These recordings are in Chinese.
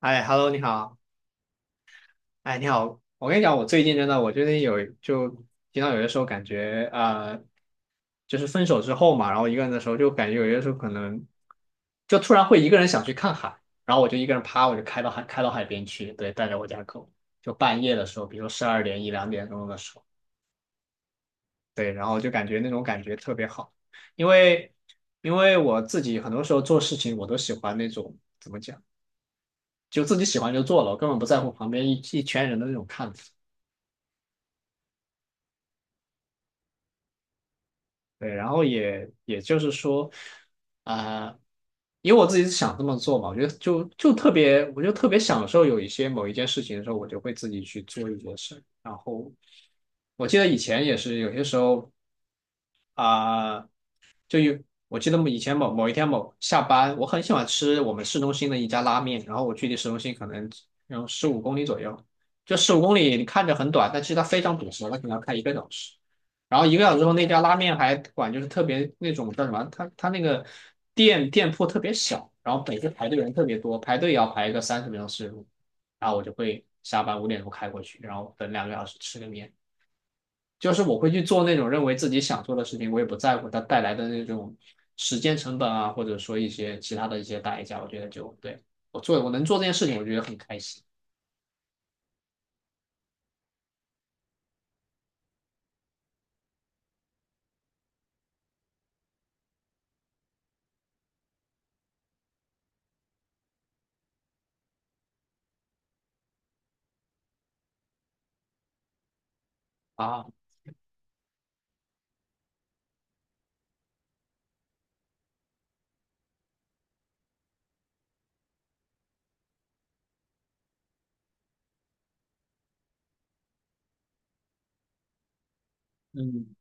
哎，Hello，你好。哎，你好，我跟你讲，我最近经常有些时候感觉，就是分手之后嘛，然后一个人的时候，就感觉有些时候可能就突然会一个人想去看海，然后我就一个人趴，我就开到海边去，对，带着我家狗，就半夜的时候，比如12点一两点钟的时候，对，然后就感觉那种感觉特别好，因为因为我自己很多时候做事情，我都喜欢那种怎么讲。就自己喜欢就做了，我根本不在乎旁边一圈人的那种看法。对，然后也就是说，啊、因为我自己是想这么做嘛，我觉得就特别，我就特别享受有一些某一件事情的时候，我就会自己去做一些事。然后我记得以前也是有些时候，啊、就有我记得以前某一天下班，我很喜欢吃我们市中心的一家拉面，然后我距离市中心可能有十五公里左右，就十五公里你看着很短，但其实它非常堵车，它可能要开一个小时。然后一个小时后，那家拉面还管，就是特别那种叫什么，它那个店铺特别小，然后每次排队人特别多，排队也要排个30分钟、40分钟。然后我就会下班5点钟开过去，然后等2个小时吃个面，就是我会去做那种认为自己想做的事情，我也不在乎它带来的那种时间成本啊，或者说一些其他的一些代价。我觉得对，我能做这件事情，我觉得很开心。啊，嗯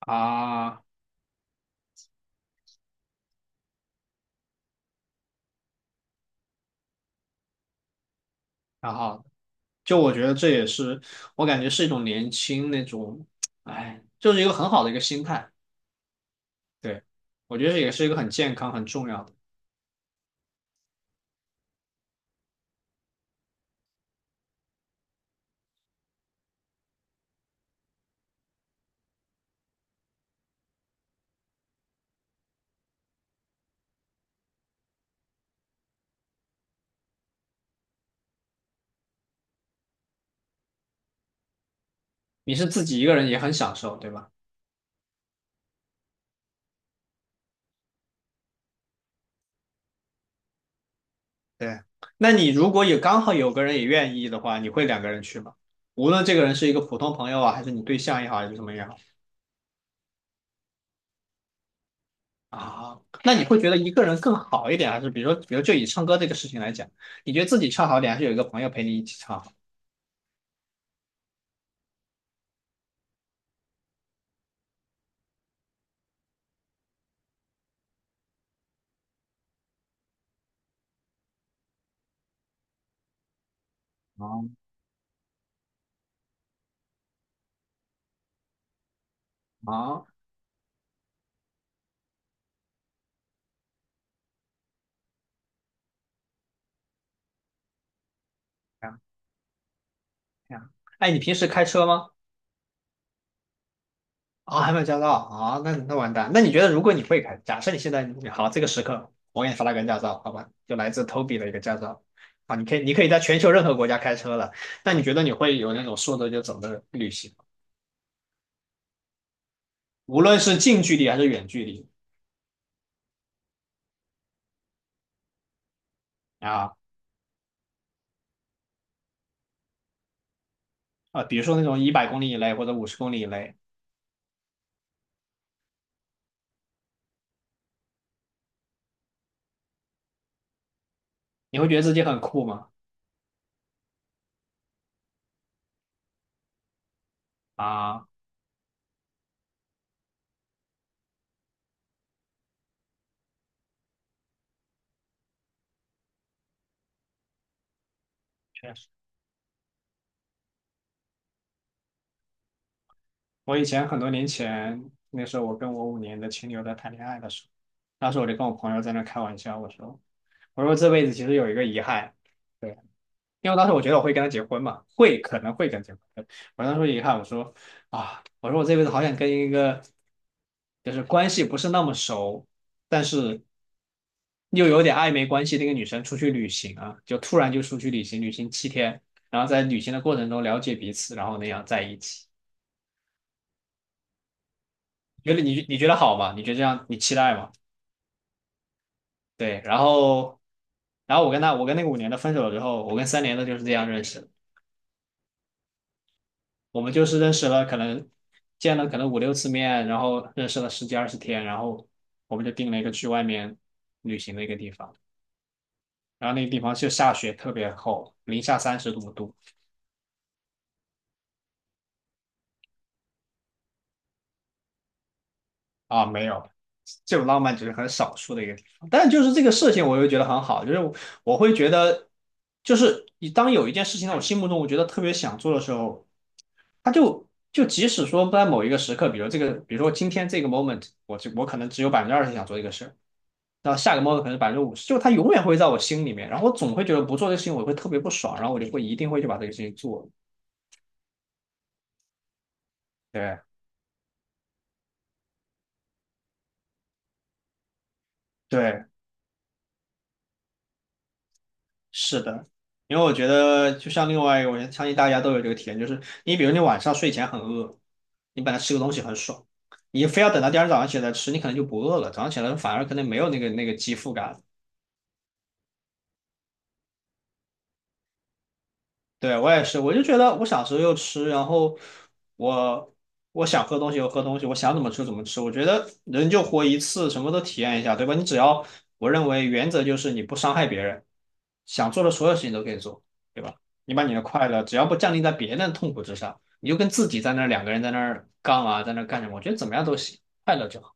啊，然后我觉得这也是我感觉是一种年轻那种，哎，就是一个很好的一个心态。对，我觉得这也是一个很健康、很重要的。你是自己一个人也很享受，对吧？对，那你如果有刚好有个人也愿意的话，你会两个人去吗？无论这个人是一个普通朋友啊，还是你对象也好，还是什么也好。啊，那你会觉得一个人更好一点，还是比如说，比如就以唱歌这个事情来讲，你觉得自己唱好点，还是有一个朋友陪你一起唱好？哦，啊，这样这样。哎，你平时开车吗？啊，还没有驾照啊，那完蛋。那你觉得，如果你会开，假设你现在好，这个时刻我给你发了个驾照，好吧，就来自 Toby 的一个驾照。啊，你可以在全球任何国家开车了。那你觉得你会有那种说走就走的旅行，无论是近距离还是远距离。啊，啊，比如说那种100公里以内或者50公里以内，你会觉得自己很酷吗？啊，我以前很多年前，那时候我跟我五年的前女友在谈恋爱的时候，当时我就跟我朋友在那开玩笑，我说，这辈子其实有一个遗憾，对，因为当时我觉得我会跟她结婚嘛，可能会跟她结婚，我当时说遗憾，我说啊，我这辈子好想跟一个就是关系不是那么熟，但是又有点暧昧关系的一个女生出去旅行啊，就突然就出去旅行，旅行7天，然后在旅行的过程中了解彼此，然后那样在一起。觉得你觉得好吗？你觉得这样你期待吗？对，然后我跟那个五年的分手了之后，我跟3年的就是这样认识的，我们就是认识了可能见了可能五六次面，然后认识了十几二十天，然后我们就定了一个去外面旅行的一个地方，然后那个地方就下雪特别厚，零下30多度。啊，没有。这种浪漫只是很少数的一个地方，但就是这个事情，我又觉得很好，我会觉得，就是你当有一件事情在我心目中我觉得特别想做的时候，他就即使说在某一个时刻，比如说今天这个 moment，我可能只有20%想做这个事儿，然后下个 moment 可能是50%，就他永远会在我心里面，然后我总会觉得不做这个事情我会特别不爽，然后我就会一定会去把这个事情做了。对对，是的，因为我觉得就像另外一个，我相信大家都有这个体验，就是你比如你晚上睡前很饿，你本来吃个东西很爽，你非要等到第二天早上起来吃，你可能就不饿了，早上起来反而可能没有那个饥腹感。对，我也是，我就觉得我想吃就吃，然后我我想喝东西就喝东西，我想怎么吃怎么吃。我觉得人就活一次，什么都体验一下，对吧？你只要，我认为原则就是你不伤害别人，想做的所有事情都可以做，对吧？你把你的快乐，只要不降临在别人的痛苦之上，你就跟自己在那儿两个人在那儿杠啊，在那儿干什么？我觉得怎么样都行，快乐就好。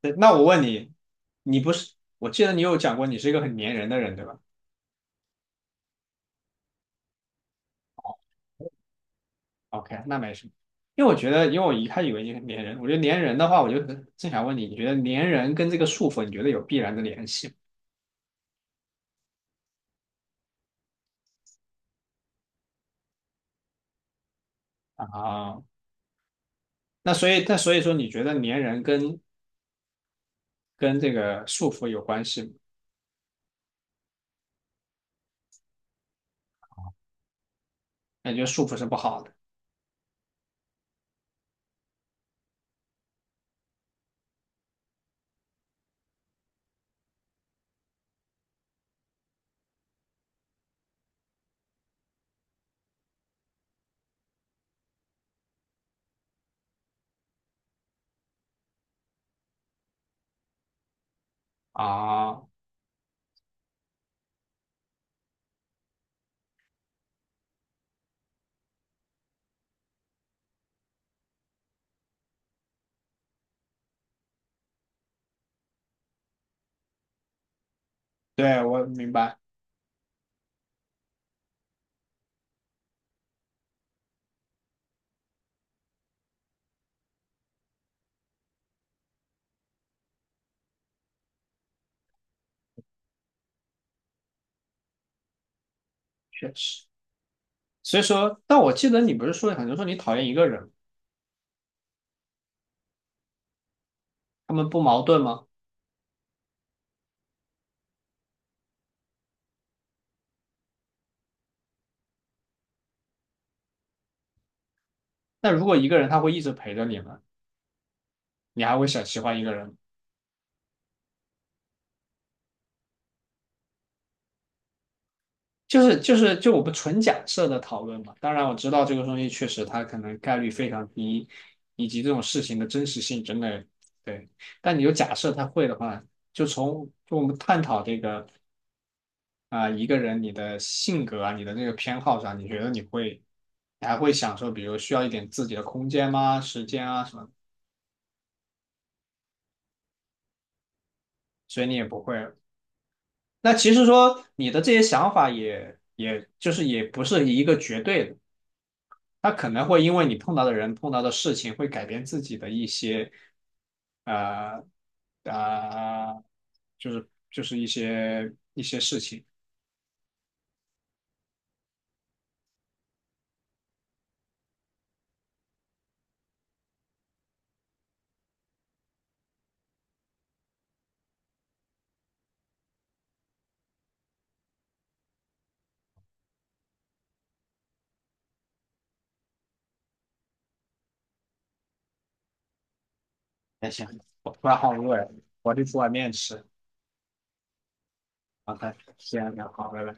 对，那我问你，你不是，我记得你有讲过你是一个很粘人的人，对吧？OK,那没什么，因为我觉得，因为我一开始以为你粘人，我觉得粘人的话，正想问你，你觉得粘人跟这个束缚，你觉得有必然的联系吗？啊？那所以说，你觉得粘人跟这个束缚有关系吗？那你觉得束缚是不好的？啊？对，我明白，确实。所以说，但我记得你不是说，很多说你讨厌一个人，他们不矛盾吗？那如果一个人他会一直陪着你们，你还会想喜欢一个人吗？就是就我们纯假设的讨论嘛，当然我知道这个东西确实它可能概率非常低，以及这种事情的真实性真的对，但你就假设他会的话，就我们探讨这个，一个人你的性格啊你的那个偏好上，你觉得你还会享受，比如需要一点自己的空间吗？时间啊什么的。所以你也不会。那其实说你的这些想法也就是也不是一个绝对的。他可能会因为你碰到的人、碰到的事情，会改变自己的一些，呃，呃，就是一些事情。那行，我突然好饿呀，我得煮碗面吃。好的，先聊，好，拜拜。